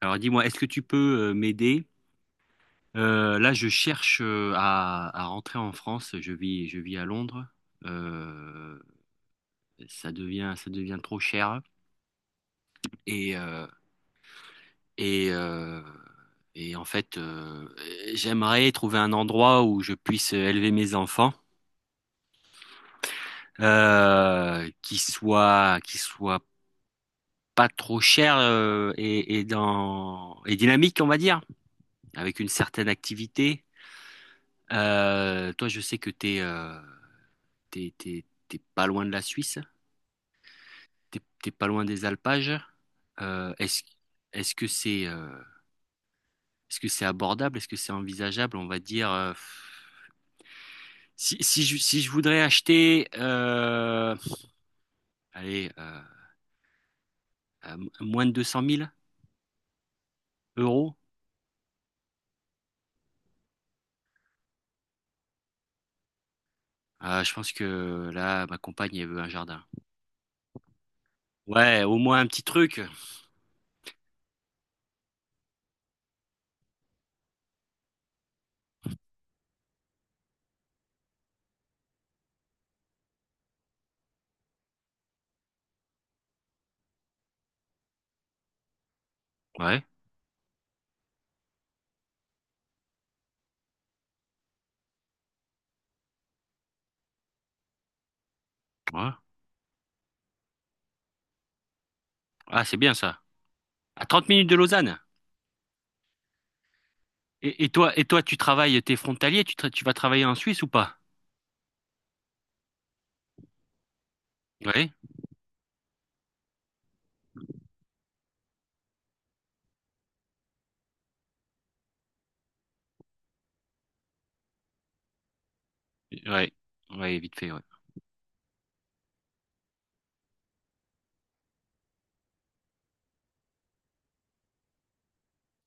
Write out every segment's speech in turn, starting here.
Alors dis-moi, est-ce que tu peux m'aider? Là, je cherche à rentrer en France. Je vis à Londres. Euh, Ça devient trop cher. Et, euh, et, euh, et en fait, j'aimerais trouver un endroit où je puisse élever mes enfants, qui soit pas trop cher et dynamique, on va dire, avec une certaine activité. Toi, je sais que t'es, es t'es, t'es- t'es pas loin de la Suisse, t'es pas loin des alpages. Euh, est-ce, est-ce que c'est euh, Est-ce que c'est abordable? Est-ce que c'est envisageable? On va dire, si je voudrais acheter, allez, moins de deux cent mille euros. Je pense que là, ma compagne, elle veut un jardin. Ouais, au moins un petit truc. Ouais, ouais. Ah, c'est bien ça. À 30 minutes de Lausanne. Et toi, tu travailles, t'es frontalier, tu vas travailler en Suisse ou pas? Ouais. Ouais, ouais, vite fait, ouais.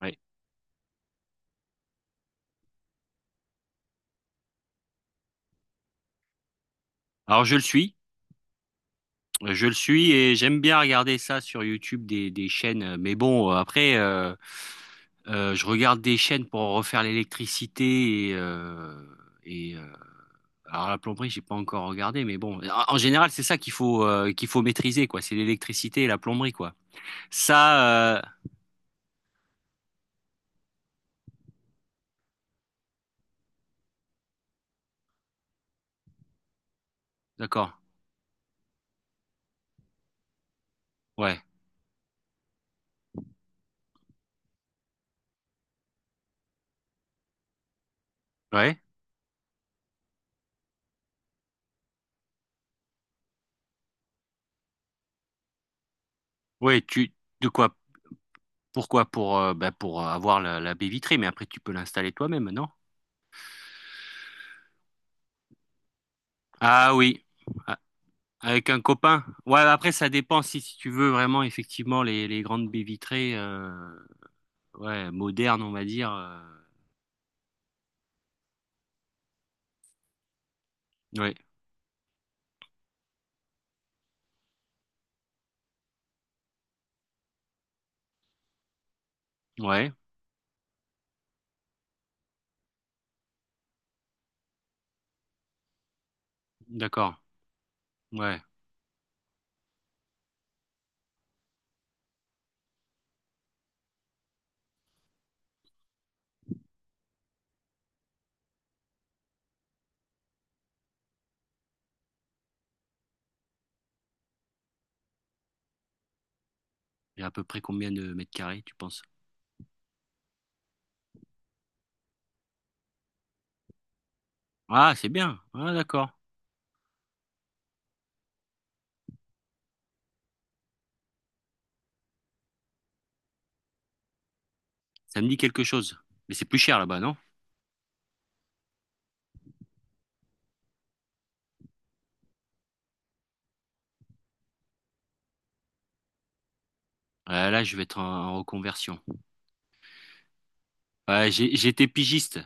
Ouais. Alors je le suis et j'aime bien regarder ça sur YouTube, des chaînes. Mais bon, après, je regarde des chaînes pour refaire l'électricité et alors la plomberie, j'ai pas encore regardé, mais bon, en général, c'est ça qu'il faut maîtriser, quoi. C'est l'électricité et la plomberie, quoi. Ça, euh, d'accord. Ouais, ouais, ouais. Tu De quoi? Pourquoi? Pour bah, pour avoir la baie vitrée, mais après tu peux l'installer toi-même, non? Ah oui. Avec un copain. Ouais, après, ça dépend si tu veux vraiment, effectivement, les grandes baies vitrées, ouais, modernes, on va dire. Ouais, ouais, d'accord. Ouais. Et à peu près combien de mètres carrés, tu penses? Ah, c'est bien. Ah, d'accord. Ça me dit quelque chose. Mais c'est plus cher là-bas, non? Ah, là, je vais être en reconversion. Ouais, j'étais pigiste.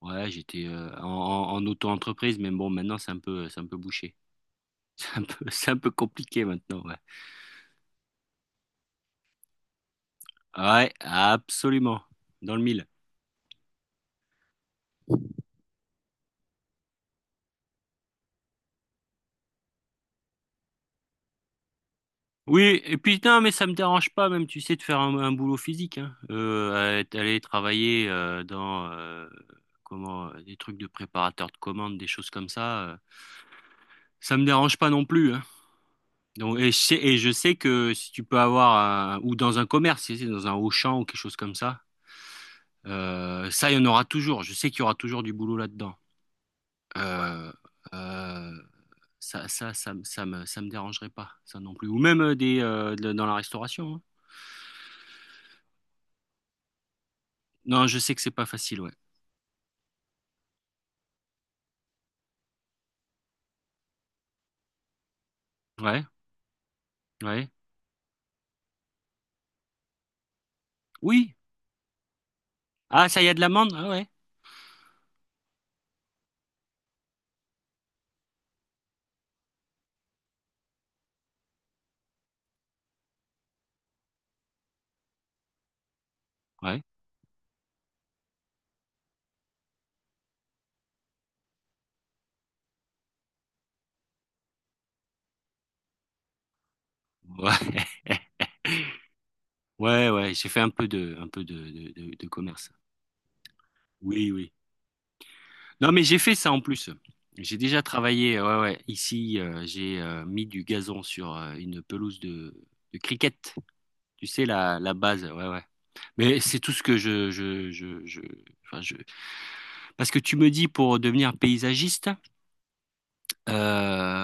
Ouais, j'étais en auto-entreprise, mais bon, maintenant, c'est un peu bouché. C'est un peu compliqué maintenant, ouais. Ouais, absolument. Dans le mille. Oui, et puis non, mais ça me dérange pas même, tu sais, de faire un boulot physique, hein. Aller travailler dans comment des trucs de préparateur de commandes, des choses comme ça, ça me dérange pas non plus, hein. Donc, et je sais que si tu peux avoir un, ou dans un commerce, si c'est dans un Auchan ou quelque chose comme ça, ça, il y en aura toujours. Je sais qu'il y aura toujours du boulot là-dedans. Euh, euh, ça me ça me dérangerait pas, ça non plus. Ou même dans la restauration, hein. Non, je sais que c'est pas facile, ouais. Ouais, ouais. Oui. Ah, ça y a de l'amande? Ah ouais. Ouais. Ouais. Ouais, ouais, j'ai fait un peu de commerce. Oui, oui. Non, mais j'ai fait ça en plus. J'ai déjà travaillé, ouais, ouais. Ici, j'ai mis du gazon sur une pelouse de cricket. Tu sais, la base, ouais, ouais. Mais c'est tout ce que je, enfin. Parce que tu me dis pour devenir paysagiste, euh,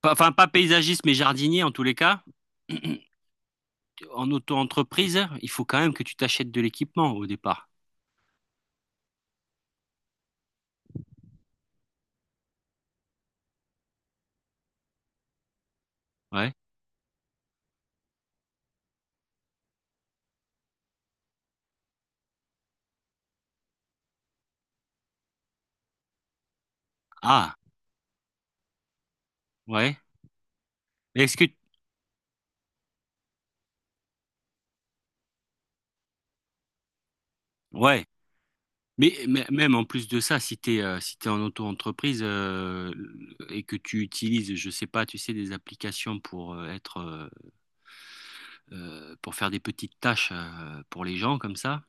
Enfin, pas paysagiste, mais jardinier en tous les cas. En auto-entreprise, il faut quand même que tu t'achètes de l'équipement au départ. Ouais. Ah, ouais. Mais est-ce que... Ouais. Même en plus de ça, si t'es en auto-entreprise et que tu utilises, je sais pas, tu sais, des applications pour faire des petites tâches pour les gens comme ça,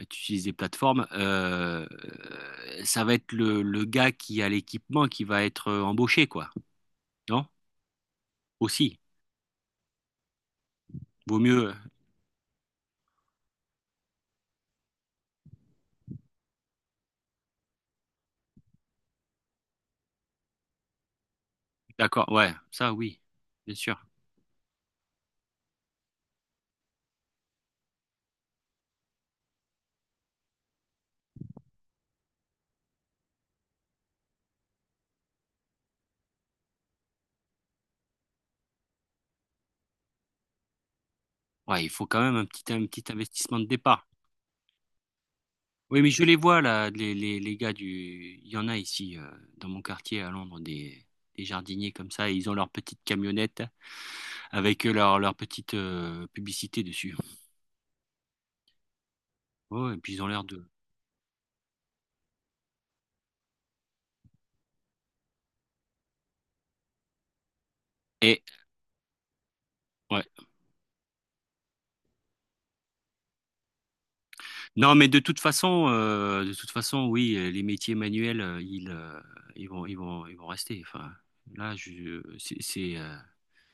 tu utilises des plateformes. Ça va être le gars qui a l'équipement qui va être embauché, quoi. Non? Aussi. Vaut mieux, d'accord, ouais, ça oui, bien sûr. Ouais, il faut quand même un petit investissement de départ. Oui, mais je les vois là, les gars du. Il y en a ici, dans mon quartier à Londres, des jardiniers comme ça, et ils ont leur petite camionnette avec leur petite publicité dessus. Ouais, et puis ils ont l'air de. Et ouais. Non, mais de toute façon, oui, les métiers manuels, ils vont, ils vont rester. Enfin, là,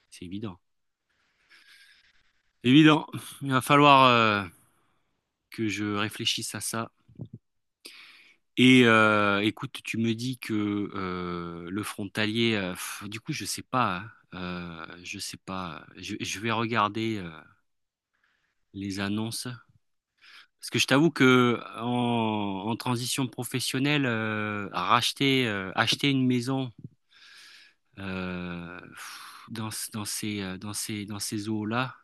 c'est évident. Évident. Il va falloir que je réfléchisse à ça. Écoute, tu me dis que le frontalier, du coup, je sais pas, hein. Je sais pas. Je vais regarder les annonces. Parce que je t'avoue que en transition professionnelle, acheter une maison euh, pff, dans, ce- dans ces, dans ces, dans ces eaux-là.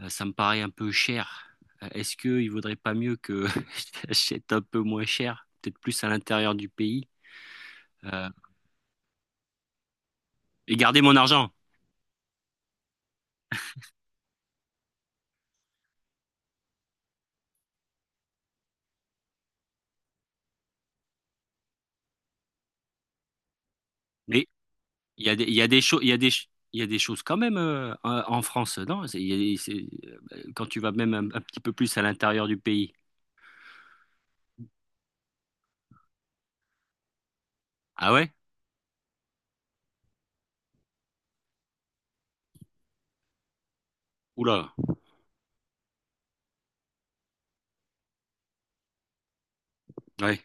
Ça me paraît un peu cher. Est-ce qu'il ne vaudrait pas mieux que j'achète un peu moins cher, peut-être plus à l'intérieur du pays, euh, et garder mon argent? Mais il y a des choses, il y a des choses quand même en France, non? C'est- il y a des- c'est- Quand tu vas même un petit peu plus à l'intérieur du pays. Ah ouais? Oula, ouais,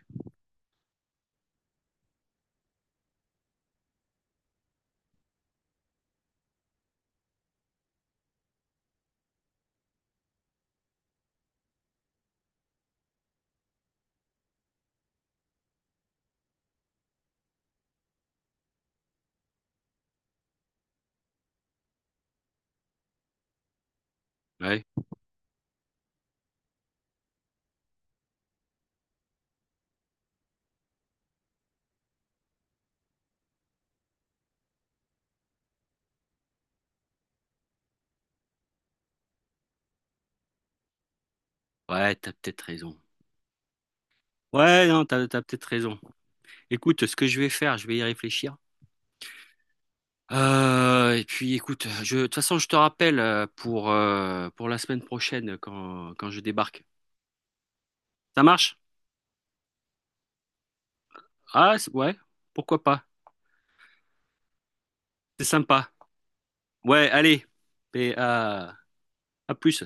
ouais, ouais, t'as peut-être raison. Ouais, non, t'as peut-être raison. Écoute, ce que je vais faire, je vais y réfléchir. Et puis écoute, de toute façon, je te rappelle pour la semaine prochaine quand je débarque. Ça marche? Ouais, pourquoi pas? C'est sympa. Ouais, allez, et à plus.